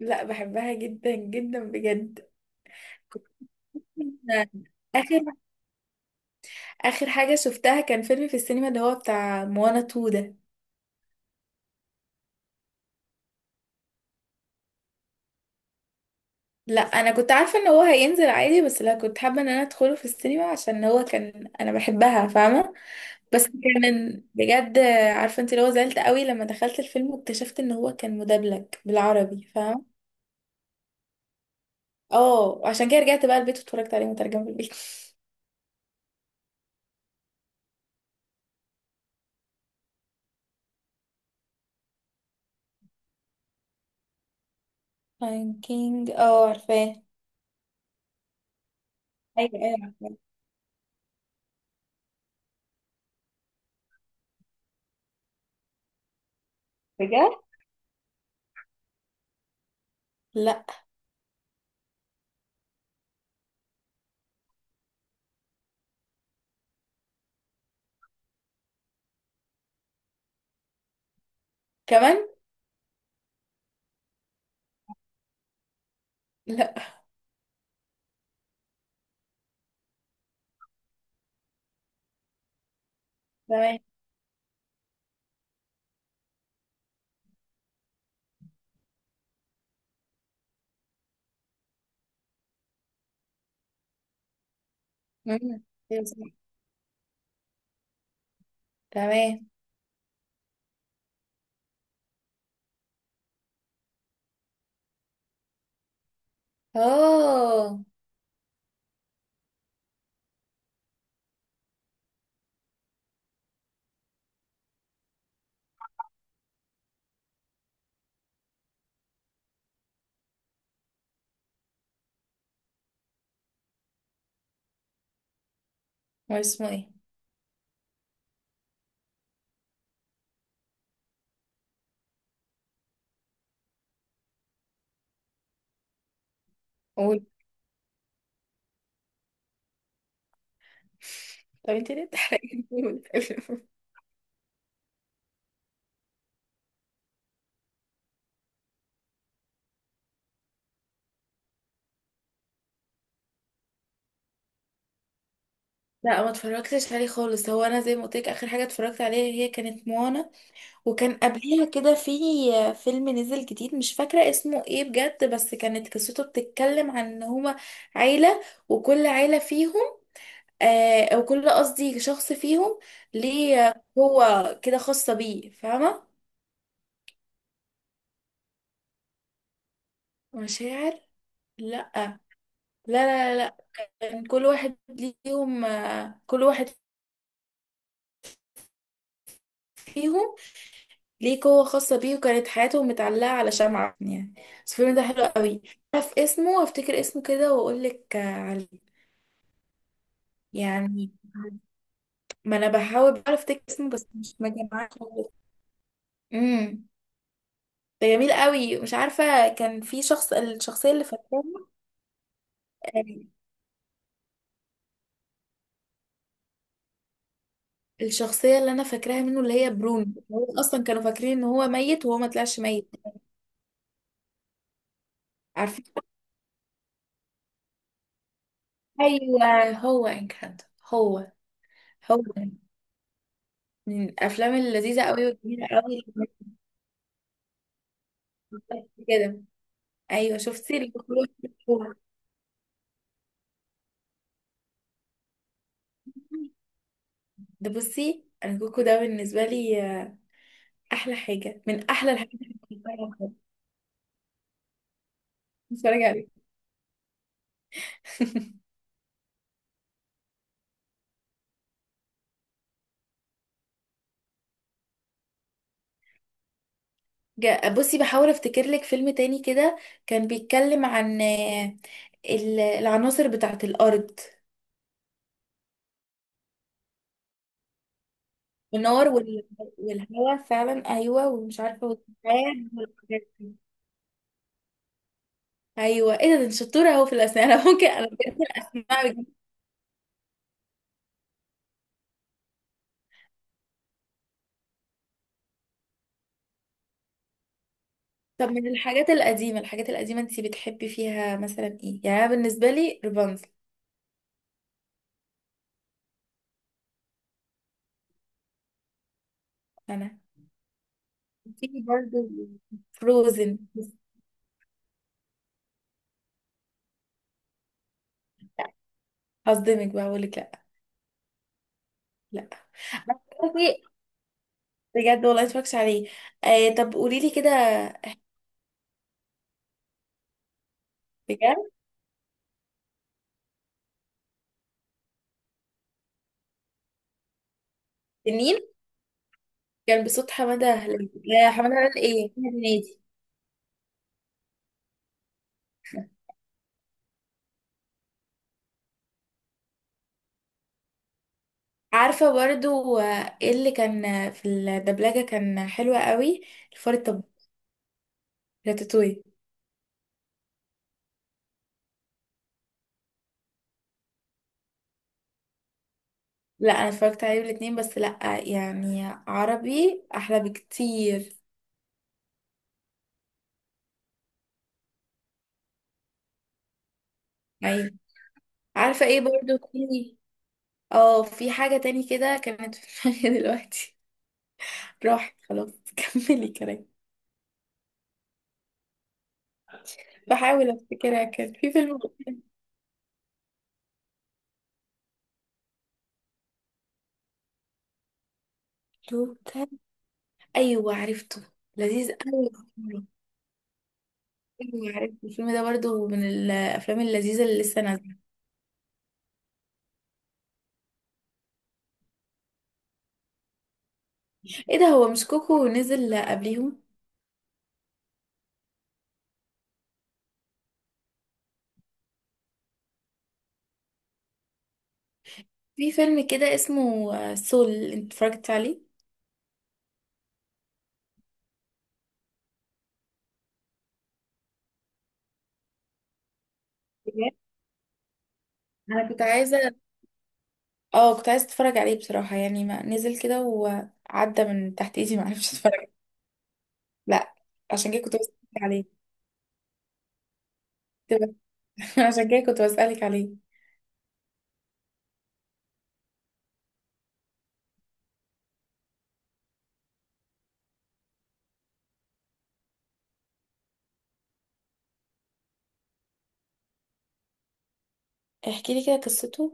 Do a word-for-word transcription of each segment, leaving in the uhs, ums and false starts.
لا، بحبها جدا جدا بجد. كنت اخر اخر حاجه شفتها كان فيلم في السينما اللي هو بتاع موانا اتنين ده. لا، انا كنت عارفه ان هو هينزل عادي، بس لا كنت حابه ان انا ادخله في السينما عشان هو كان انا بحبها، فاهمه؟ بس كان بجد. عارفه انت، اللي هو زعلت قوي لما دخلت الفيلم واكتشفت ان هو كان مدبلج بالعربي، فاهمه؟ اه، عشان كده رجعت بقى البيت واتفرجت عليه مترجم في البيت. لاين كينج، اه عارفاه. ايوه، ايوه، عارفاه. بجد. لا. كمان. لا. تمام. مم. أيوة، صح. تمام. اوه. هو اسمه ايه؟ قول. طب انت ليه بتحرقي؟ لا، ما اتفرجتش عليه خالص. هو انا زي ما قلت لك، اخر حاجه اتفرجت عليها هي كانت موانا. وكان قبليها كده في فيلم نزل جديد، مش فاكره اسمه ايه بجد، بس كانت قصته بتتكلم عن ان هما عيله، وكل عيله فيهم، آه او كل قصدي شخص فيهم، ليه هو كده خاصه بيه، فاهمه؟ مشاعر؟ لا، لا، لا، لا، لا. كان كل واحد ليهم آه، كل واحد فيهم ليه قوة خاصة بيه، وكانت حياته متعلقة على شمعة يعني. بس الفيلم ده حلو قوي. اعرف اسمه وافتكر اسمه كده واقول لك آه، عليه. يعني، ما انا بحاول بعرف افتكر اسمه بس مش مجمعاه خالص. امم ده جميل قوي. مش عارفة، كان في شخص، الشخصية اللي فاكراها. آه، الشخصية اللي انا فاكراها منه اللي هي برونو، هو اصلا كانوا فاكرين ان هو ميت وهو ما طلعش ميت. عارفين. ايوه، هو انكانتو. هو هو من الافلام اللذيذه قوي والجميله قوي. كده. ايوه، شفتي الكوكو؟ ده بصي، انا الكوكو ده بالنسبه لي آه، احلى حاجه من احلى الحاجات اللي بتتفرج. بتفرج عليه. جا- بصي بحاول افتكر لك فيلم تاني كده، كان بيتكلم عن آه، ال- العناصر بتاعه الارض. النار وال- والهواء فعلا، ايوه، ومش عارفه والسحاب والحاجات دي. ايوه، ايه ده ده أنت شطوره اهو في الاسماء. انا ممكن انا بجد الاسماء. طب من الحاجات القديمة، الحاجات القديمة انتي بتحبي فيها مثلا ايه يعني؟ أنا بالنسبة لي رابنزل. انا في برضه فروزن. لا، هصدمك بقى، هقول لك لا. لا. تعرفي؟ بجد والله متفرجش عليه. آه طب قولي لي كده. بجد. تنين؟ كان بصوت حمادة هلال. لا، حمادة هلال؟ ايه، أحمد هنيدي. عارفة برضو آه، ايه اللي كان آه، في الدبلجة كان حلوة قوي. الفار الطباخ. راتاتوي. لا، انا اتفرجت عليه الاتنين بس لا، يعني عربي احلى بكتير. ايوه. عارفه ايه برضو تاني؟ اه، في حاجه تاني كده كانت في دماغي دلوقتي. راحت خلاص. كملي كلام. بحاول افتكرها، كان في فيلم. توتال. ايوه عرفته. لذيذ قوي. ايوه عرفته، الفيلم ده برضو من الافلام اللذيذه اللي لسه نازله. ايه ده، هو مش كوكو نزل قبليهم؟ في فيلم كده اسمه آه، سول، انت اتفرجت عليه؟ بجد؟ انا كنت عايزه. اه، كنت عايزه اتفرج عليه بصراحه، يعني ما نزل كده وعدى من تحت ايدي ما عرفتش. لا. عشان كده كنت بسألك عليه. تبقى- عشان كده كنت بسألك عليه. احكي لي كده قصته.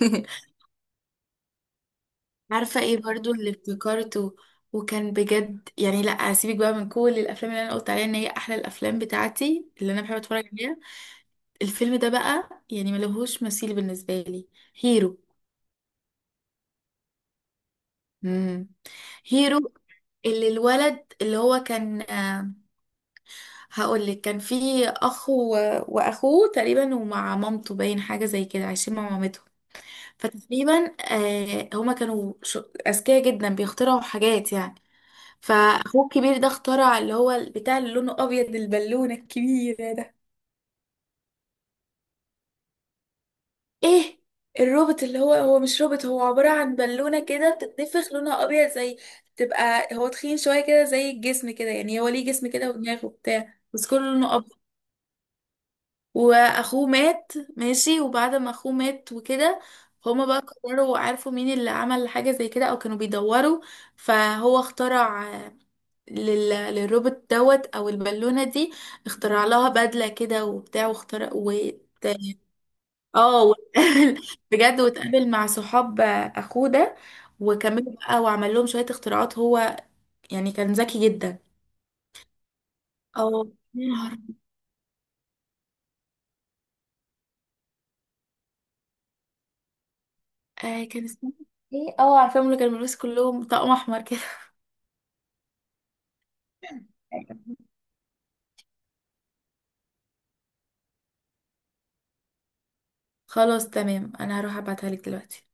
عارفة ايه برضو اللي افتكرته؟ وكان بجد يعني، لا هسيبك بقى، من كل الافلام اللي انا قلت عليها ان هي احلى الافلام بتاعتي اللي انا بحب اتفرج عليها، الفيلم ده بقى يعني ملهوش مثيل بالنسبة لي. هيرو. امم. هيرو. اللي الولد اللي هو كان. هقول لك كان فيه اخ و- واخوه تقريبا، ومع مامته باين، حاجة زي كده عايشين مع مامته. فتقريبا آه هما كانوا ش- اذكياء جدا، بيخترعوا حاجات يعني. فاخوه الكبير ده اخترع اللي هو البتاع اللي لونه ابيض، البالونه الكبيره ده. ايه؟ الروبوت، اللي هو هو مش روبوت، هو عباره عن بالونه كده بتتنفخ لونها ابيض، زي، تبقى هو تخين شويه كده زي الجسم كده، يعني هو ليه جسم كده ودماغ وبتاع، بس كله لونه ابيض. واخوه مات ماشي، وبعد ما اخوه مات وكده، هما بقى قرروا، عارفوا مين اللي عمل حاجة زي كده او كانوا بيدوروا. فهو اخترع آه، لل... للروبوت دوت او البالونة دي، اخترع لها بدلة كده وبتاع، واخترع و اه و- بجد، واتقابل مع صحاب آه، اخوه ده، وكملوا بقى وعمل لهم شوية اختراعات هو، يعني كان ذكي جدا. اه يا نهار! آه كان اسمه ايه؟ اه عارفاهم، اللي كانوا بيلبسوا كلهم طقم احمر كده. خلاص تمام، انا هروح ابعتها لك دلوقتي.